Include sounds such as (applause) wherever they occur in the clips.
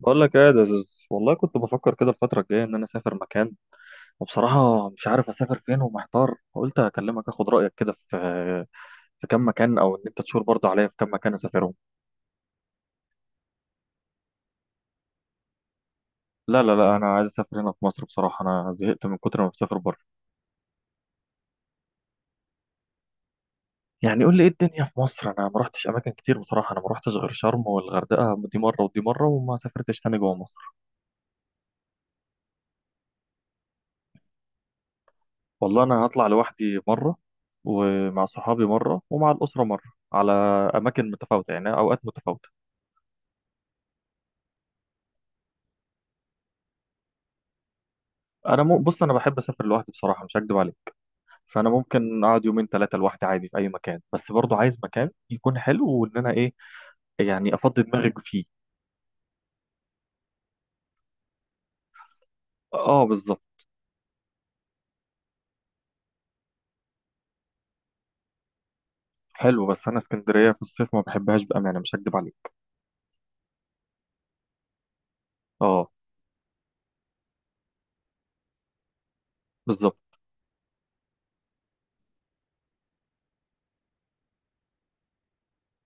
بقول لك ايه يا دزوز، والله كنت بفكر كده الفترة الجاية ان انا اسافر مكان، وبصراحة مش عارف اسافر فين ومحتار، فقلت اكلمك اخد رأيك كده في كام مكان، او ان انت تشور برضه عليا في كام مكان اسافرهم. لا لا لا، انا عايز اسافر هنا في مصر. بصراحة انا زهقت من كتر ما بسافر بره. يعني قول لي ايه الدنيا في مصر. انا ما رحتش اماكن كتير بصراحة، انا ما رحتش غير شرم والغردقة، دي مرة ودي مرة، وما سافرتش تاني جوه مصر. والله انا هطلع لوحدي مرة، ومع صحابي مرة، ومع الأسرة مرة، على أماكن متفاوتة، يعني أوقات متفاوتة. بص، انا بحب اسافر لوحدي بصراحه، مش هكدب عليك. فانا ممكن اقعد يومين ثلاثه لوحدي عادي في اي مكان، بس برضو عايز مكان يكون حلو، وان انا ايه، يعني افضي دماغك فيه. اه بالظبط. حلو، بس انا اسكندريه في الصيف ما بحبهاش بامانه، مش هكدب عليك. اه بالظبط.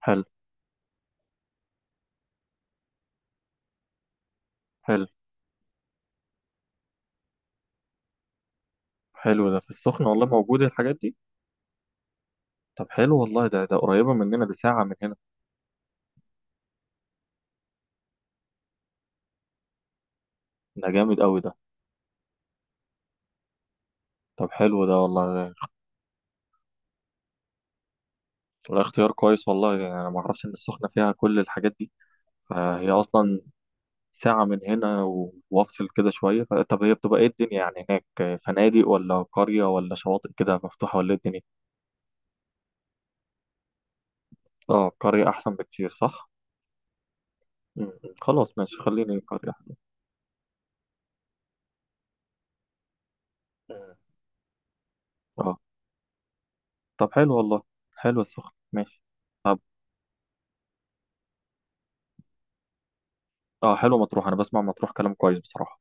حلو. حلو. حلو، ده في السخنه والله موجود الحاجات دي؟ طب حلو والله، ده قريبه مننا، ده ساعه من هنا. ده جامد قوي ده. طب حلو ده والله ده. ده اختيار كويس والله، يعني انا ما اعرفش ان السخنه فيها كل الحاجات دي. فهي اصلا ساعة من هنا، وافصل كده شوية. طب هي بتبقى ايه الدنيا يعني هناك؟ فنادق ولا قرية ولا شواطئ كده مفتوحة، ولا ايه الدنيا؟ اه، قرية احسن بكتير، صح. م- م. خلاص ماشي، خليني قرية أحسن. م. اه. طب حلو والله، حلو السخن ماشي. طب اه، حلو مطروح، انا بسمع مطروح كلام كويس بصراحة.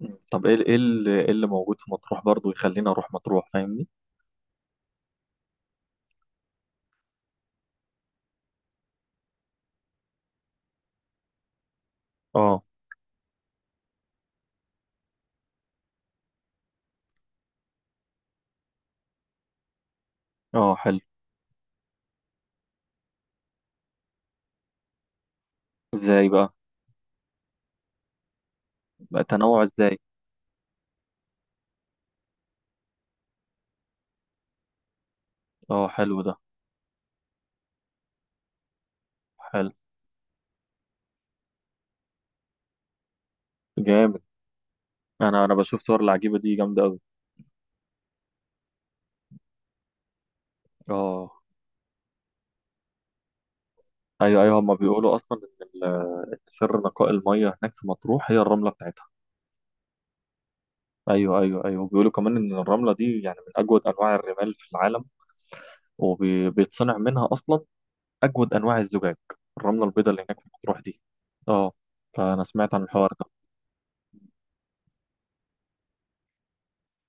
م. طب ايه، ايه اللي موجود في مطروح برضو يخليني اروح مطروح، فاهمني؟ اه اه. حلو. ازاي بقى؟ بقى تنوع ازاي؟ اه حلو ده. حلو. جامد. انا بشوف صور العجيبة دي جامدة أوي. اه. ايوه ايوه، هما بيقولوا اصلا سر نقاء الميه هناك في مطروح هي الرمله بتاعتها. ايوه ايوه ايوه، بيقولوا كمان ان الرمله دي يعني من اجود انواع الرمال في العالم، وبيتصنع منها اصلا اجود انواع الزجاج، الرمله البيضاء اللي هناك في مطروح دي. اه. فانا سمعت عن الحوار ده.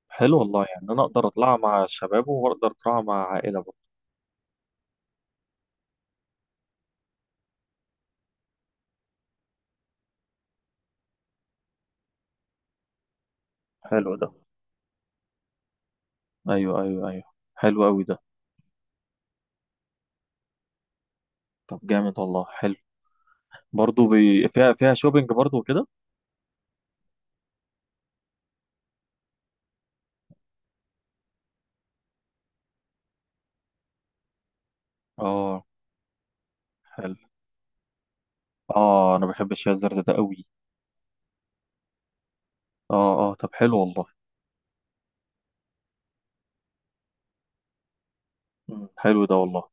حلو والله، يعني انا اقدر اطلع مع الشباب واقدر اطلع مع عائله برضه. حلو ده. ايوه ايوه ايوه. حلو قوي ده. طب جامد والله، حلو. برضه فيها، فيها شوبينج برضه وكده. اه. حلو. اه، انا بحب الشاي الزرد ده قوي. اه اه، طب حلو والله. مم. حلو ده والله.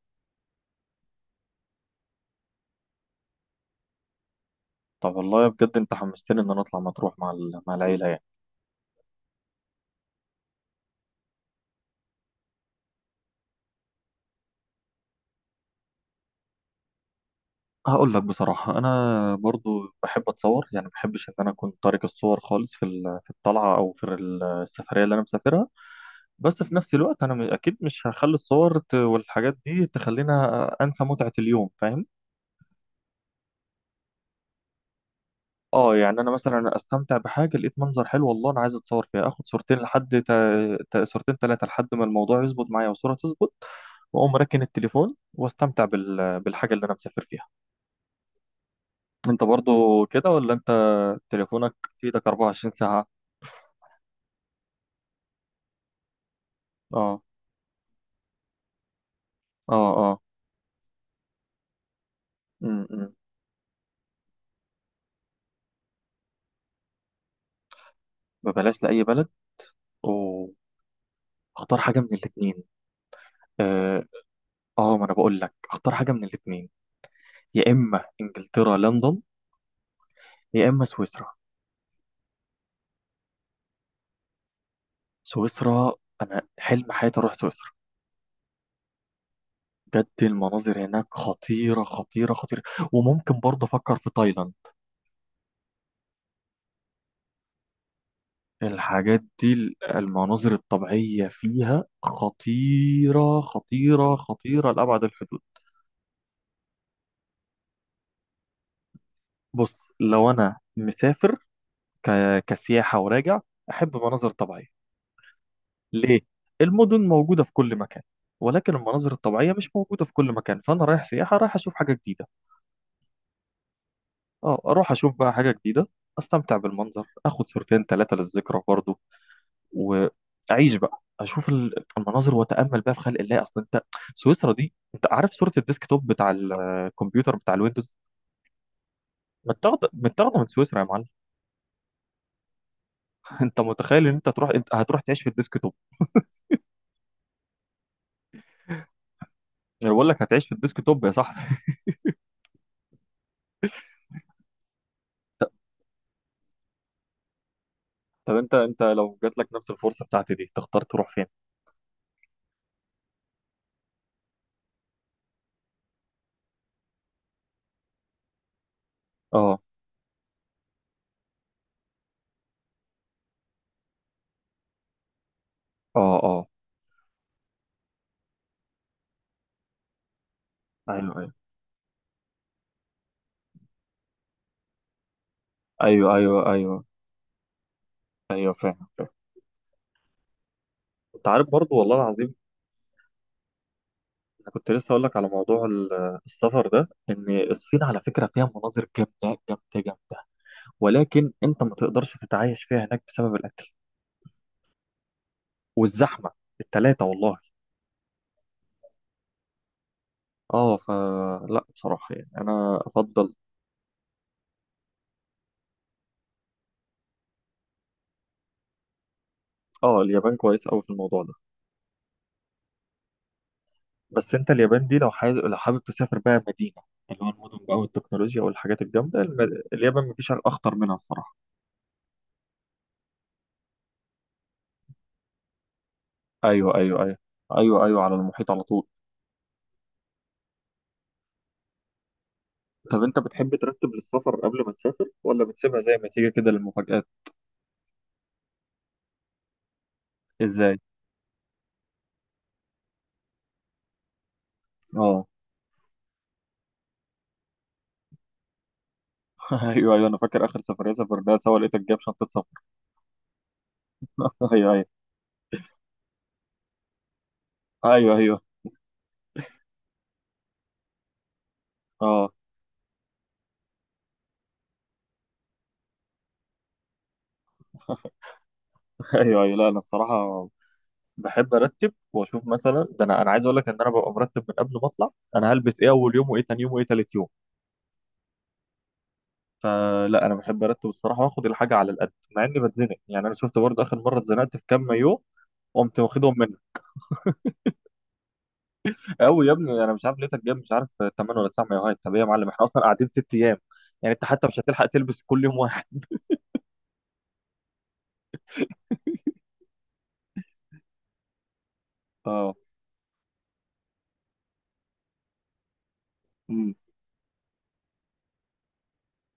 طب والله بجد انت حمستني ان انا اطلع مطروح مع مع العيله يعني. هقول لك بصراحه، انا برضو بحب اتصور يعني، ما بحبش ان انا اكون طارق الصور خالص في في الطلعه، او في السفريه اللي انا مسافرها. بس في نفس الوقت انا اكيد مش هخلي الصور والحاجات دي تخلينا انسى متعه اليوم، فاهم؟ اه، يعني انا مثلا استمتع بحاجه، لقيت منظر حلو والله، انا عايز اتصور فيها، اخد صورتين لحد صورتين ثلاثه لحد ما الموضوع يظبط معايا والصوره تظبط، واقوم راكن التليفون واستمتع بالحاجه اللي انا مسافر فيها. انت برضو كده ولا انت تليفونك في ايدك 24 ساعه؟ اه اه. اه. امم. ببلاش لاي بلد واختار حاجه من الاثنين. اه. ما انا بقول لك اختار حاجه من الاثنين، يا اما انجلترا لندن، يا اما سويسرا. سويسرا، انا حلم حياتي اروح سويسرا. بجد المناظر هناك خطيرة خطيرة خطيرة. وممكن برضه أفكر في تايلاند. الحاجات دي، المناظر الطبيعية فيها خطيرة خطيرة خطيرة لأبعد الحدود. بص، لو أنا مسافر ك... كسياحة وراجع، أحب مناظر طبيعية. ليه؟ المدن موجودة في كل مكان، ولكن المناظر الطبيعية مش موجودة في كل مكان، فأنا رايح سياحة، رايح أشوف حاجة جديدة. أه أروح أشوف بقى حاجة جديدة، أستمتع بالمنظر، أخد صورتين ثلاثة للذكرى برضه، واعيش بقى اشوف المناظر واتامل بقى في خلق الله. اصل انت سويسرا دي، انت عارف صوره الديسك توب بتاع الكمبيوتر بتاع الويندوز؟ متاخده من سويسرا يا معلم. (laughs) انت متخيل ان انت تروح؟ انت هتروح تعيش في الديسك توب. انا بقول لك هتعيش في الديسك توب يا صاحبي. (laughs) طب انت لو جات لك نفس الفرصه بتاعتي دي، تختار تروح فين؟ اه اه. اه. ايوه ايوه ايوه. ايوه ايوه ايوه. فاهم فاهم. انت عارف برضو، والله العظيم أنا كنت لسه أقول لك على موضوع السفر ده، إن الصين على فكرة فيها مناظر جامدة جامدة جامدة، ولكن أنت ما تقدرش تتعايش فيها هناك بسبب الأكل والزحمة، التلاتة والله. أه. فلا بصراحة يعني أنا أفضل. أه اليابان كويس أوي في الموضوع ده. بس أنت اليابان دي، لو حابب، تسافر بقى مدينة، اللي هو المدن بقى والتكنولوجيا والحاجات الجامدة، اليابان مفيش أخطر منها الصراحة. أيوه أيوه أيوه. أيوه أيوه، على المحيط على طول. طب انت بتحب ترتب للسفر قبل ما تسافر، ولا بتسيبها زي ما تيجي كده للمفاجآت؟ ازاي؟ اه. (laughs) ايوه ايوه، انا فاكر اخر سفرية سافرناها سوا لقيتك جايب شنطة سفر. (laughs) ايوه ايوه. ايوه ايوه. اه. (laughs) ايوه ايوه. لا انا الصراحة بحب ارتب واشوف، مثلا ده انا عايز اقول لك ان انا ببقى مرتب من قبل ما اطلع، انا هلبس ايه اول يوم، وايه تاني يوم، وايه تالت يوم. فلا انا بحب ارتب الصراحة واخد الحاجة على القد، مع اني بتزنق. يعني انا شفت برضه اخر مرة اتزنقت في كام مايو، قمت واخدهم. قوي يا ابني، انا مش عارف لقيتك جايب، مش عارف، 8 ولا 9 مايوهات؟ طب ايه يا معلم، احنا اصلا قاعدين ست ايام، يعني انت حتى مش هتلحق تلبس كل يوم واحد. (laughs) اه. امم.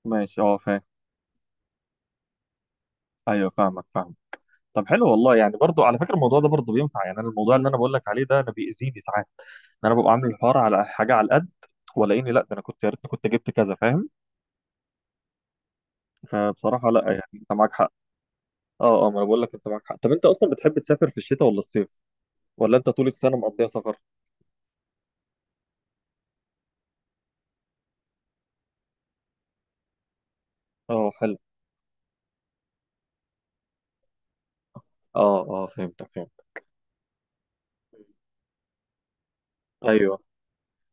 ماشي اه، فاهم. ايوه فاهمك، فاهم. طب حلو والله، يعني برضو على فكره الموضوع ده برضو بينفع، يعني انا الموضوع اللي انا بقول لك عليه ده انا بيأذيني ساعات، ان انا ببقى عامل الحوار على حاجه على القد، ولاقيني لا، ده انا كنت يا ريتني كنت جبت كذا، فاهم؟ فبصراحه لا، يعني انت معاك حق. اه اه، ما انا بقول لك انت معاك حق. طب انت اصلا بتحب تسافر في الشتاء ولا الصيف، ولا انت طول السنه مقضيها سفر؟ اه حلو. اه اه، فهمتك، فهمت. ايوه.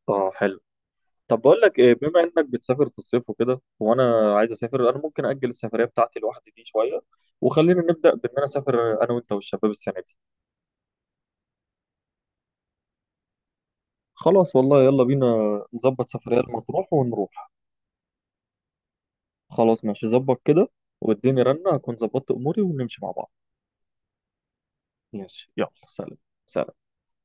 اه حلو. طب بقول لك ايه، بما انك بتسافر في الصيف وكده وانا عايز اسافر، انا ممكن اجل السفريه بتاعتي لوحدي دي شويه، وخلينا نبدا بان انا اسافر انا وانت والشباب السنه دي. خلاص والله يلا بينا، نظبط سفريه لمطروح ونروح. خلاص ماشي ظبط كده، واديني رنه اكون ظبطت اموري ونمشي مع بعض. ماشي، يلا سلام. سلام.